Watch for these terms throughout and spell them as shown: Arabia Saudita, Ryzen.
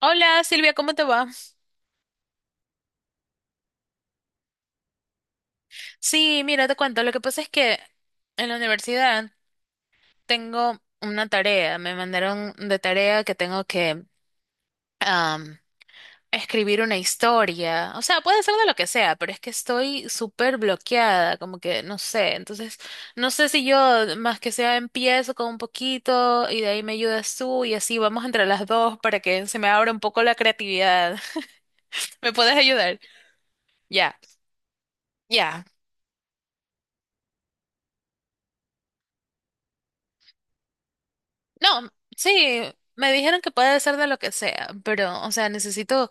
Hola Silvia, ¿cómo te va? Sí, mira, te cuento. Lo que pasa es que en la universidad tengo una tarea. Me mandaron de tarea que tengo que am, escribir una historia. O sea, puede ser de lo que sea, pero es que estoy súper bloqueada, como que no sé. Entonces, no sé si yo más que sea empiezo con un poquito y de ahí me ayudas tú y así vamos entre las dos para que se me abra un poco la creatividad. ¿Me puedes ayudar? Ya. Ya. No, sí, me dijeron que puede ser de lo que sea, pero, o sea, necesito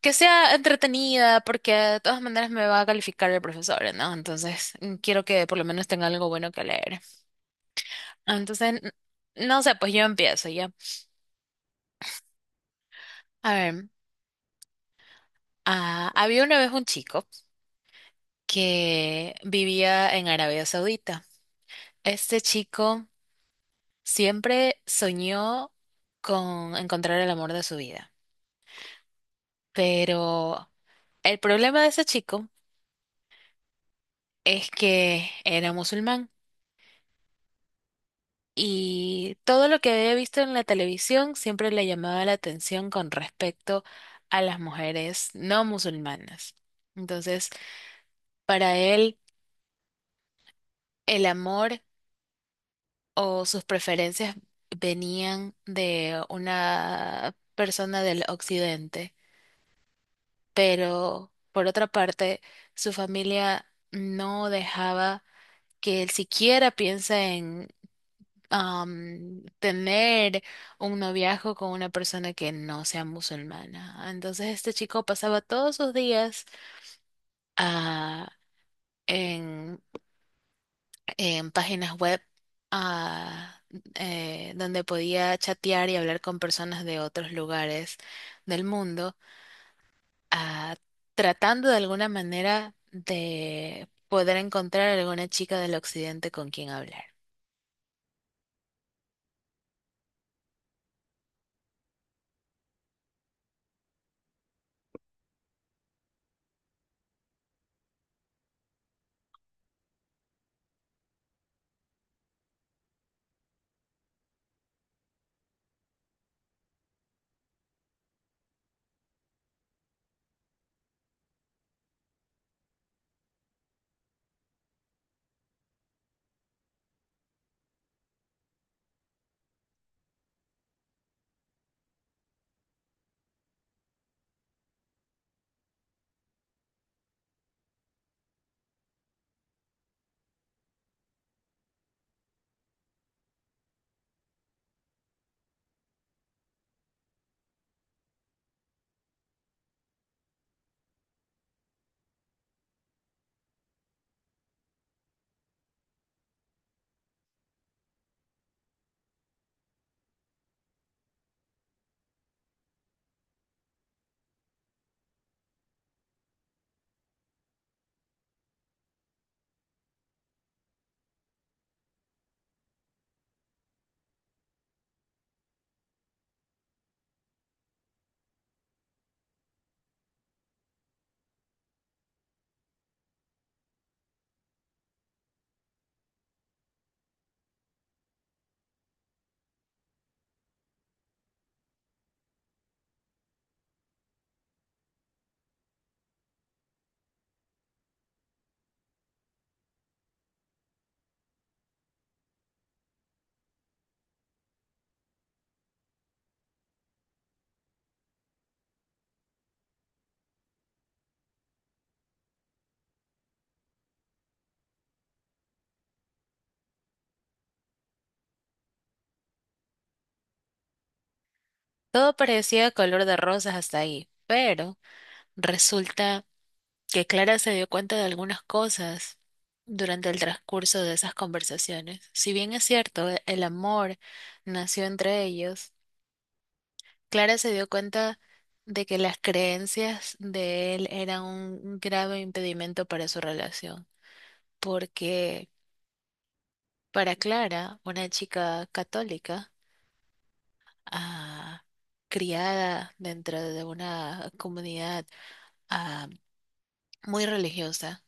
que sea entretenida porque de todas maneras me va a calificar el profesor, ¿no? Entonces, quiero que por lo menos tenga algo bueno que leer. Entonces, no sé, pues yo empiezo ya. A ver, había una vez un chico que vivía en Arabia Saudita. Este chico siempre soñó con encontrar el amor de su vida, pero el problema de ese chico es que era musulmán y todo lo que había visto en la televisión siempre le llamaba la atención con respecto a las mujeres no musulmanas. Entonces, para él, el amor o sus preferencias venían de una persona del occidente, pero por otra parte, su familia no dejaba que él siquiera piense tener un noviazgo con una persona que no sea musulmana. Entonces este chico pasaba todos sus días ah, en, en páginas web ah, donde podía chatear y hablar con personas de otros lugares del mundo, ah, tratando de alguna manera de poder encontrar alguna chica del occidente con quien hablar. Todo parecía color de rosas hasta ahí, pero resulta que Clara se dio cuenta de algunas cosas durante el transcurso de esas conversaciones. Si bien es cierto, el amor nació entre ellos, Clara se dio cuenta de que las creencias de él eran un grave impedimento para su relación, porque para Clara, una chica católica, ah, criada dentro de una comunidad ah, muy religiosa,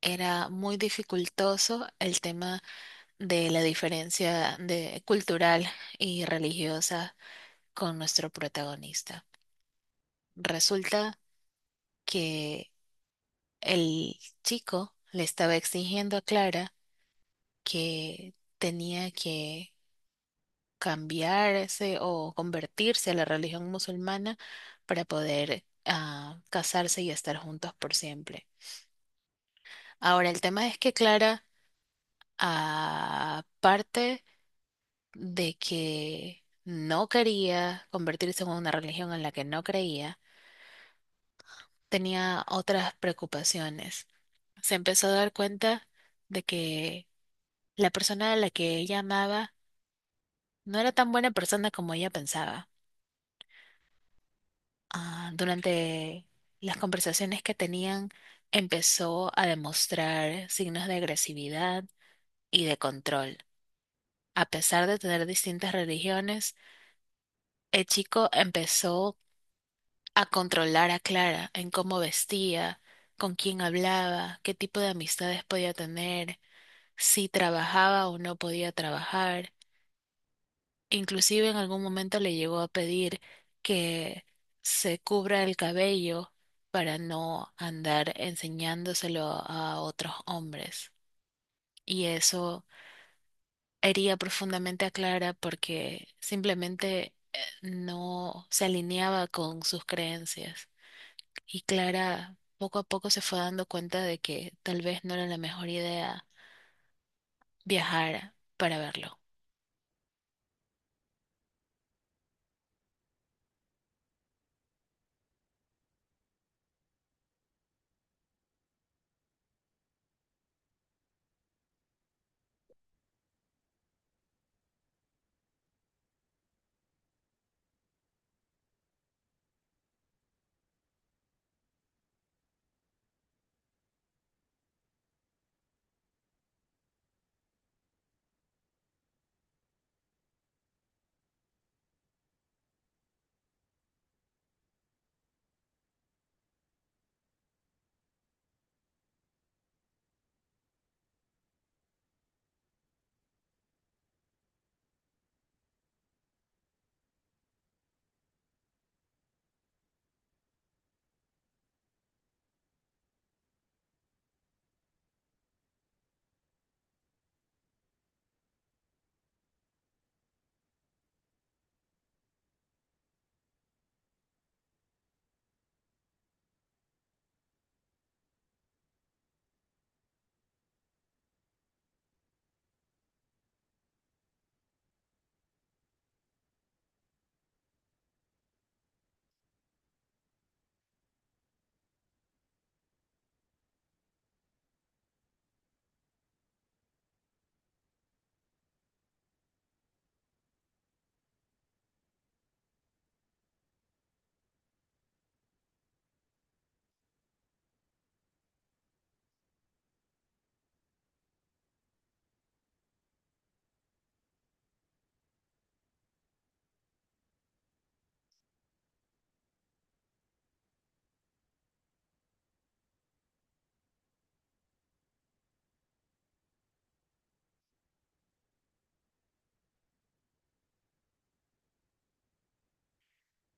era muy dificultoso el tema de la diferencia de, cultural y religiosa con nuestro protagonista. Resulta que el chico le estaba exigiendo a Clara que tenía que cambiarse o convertirse a la religión musulmana para poder casarse y estar juntos por siempre. Ahora, el tema es que Clara, aparte de que no quería convertirse en una religión en la que no creía, tenía otras preocupaciones. Se empezó a dar cuenta de que la persona a la que ella amaba no era tan buena persona como ella pensaba. Durante las conversaciones que tenían, empezó a demostrar signos de agresividad y de control. A pesar de tener distintas religiones, el chico empezó a controlar a Clara en cómo vestía, con quién hablaba, qué tipo de amistades podía tener, si trabajaba o no podía trabajar. Inclusive en algún momento le llegó a pedir que se cubra el cabello para no andar enseñándoselo a otros hombres. Y eso hería profundamente a Clara porque simplemente no se alineaba con sus creencias. Y Clara poco a poco se fue dando cuenta de que tal vez no era la mejor idea viajar para verlo.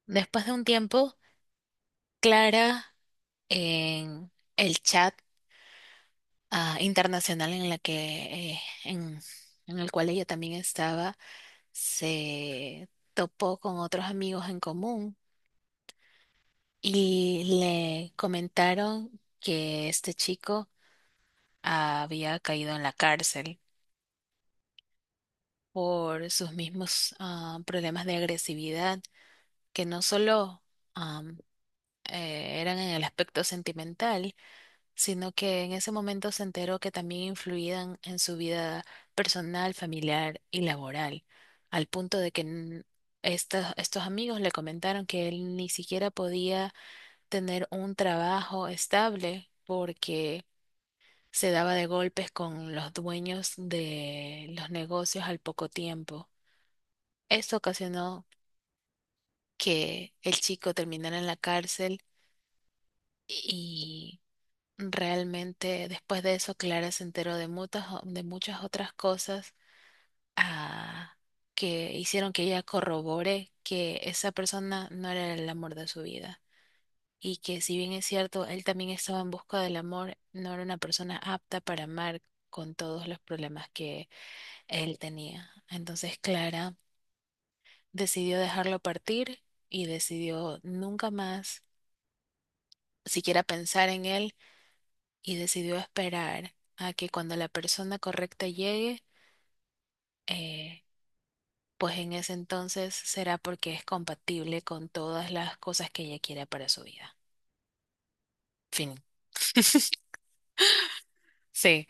Después de un tiempo, Clara en el chat internacional en la que en el cual ella también estaba, se topó con otros amigos en común y le comentaron que este chico había caído en la cárcel por sus mismos problemas de agresividad que no solo am, eran en el aspecto sentimental, sino que en ese momento se enteró que también influían en su vida personal, familiar y laboral, al punto de que estos amigos le comentaron que él ni siquiera podía tener un trabajo estable porque se daba de golpes con los dueños de los negocios al poco tiempo. Esto ocasionó que el chico terminara en la cárcel. Y realmente después de eso, Clara se enteró de muchas, de muchas otras cosas ah, que hicieron que ella corrobore que esa persona no era el amor de su vida. Y que si bien es cierto, él también estaba en busca del amor, no era una persona apta para amar con todos los problemas que él tenía. Entonces Clara decidió dejarlo partir y decidió nunca más siquiera pensar en él y decidió esperar a que cuando la persona correcta llegue, eh, pues en ese entonces será porque es compatible con todas las cosas que ella quiera para su vida. Fin. Sí,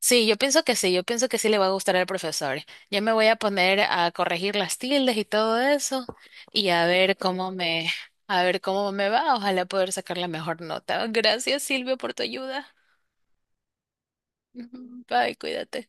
sí, yo pienso que sí, yo pienso que sí le va a gustar al profesor. Ya me voy a poner a corregir las tildes y todo eso y a ver a ver cómo me va. Ojalá poder sacar la mejor nota. Gracias, Silvio, por tu ayuda. Ujú, Bye, cuídate.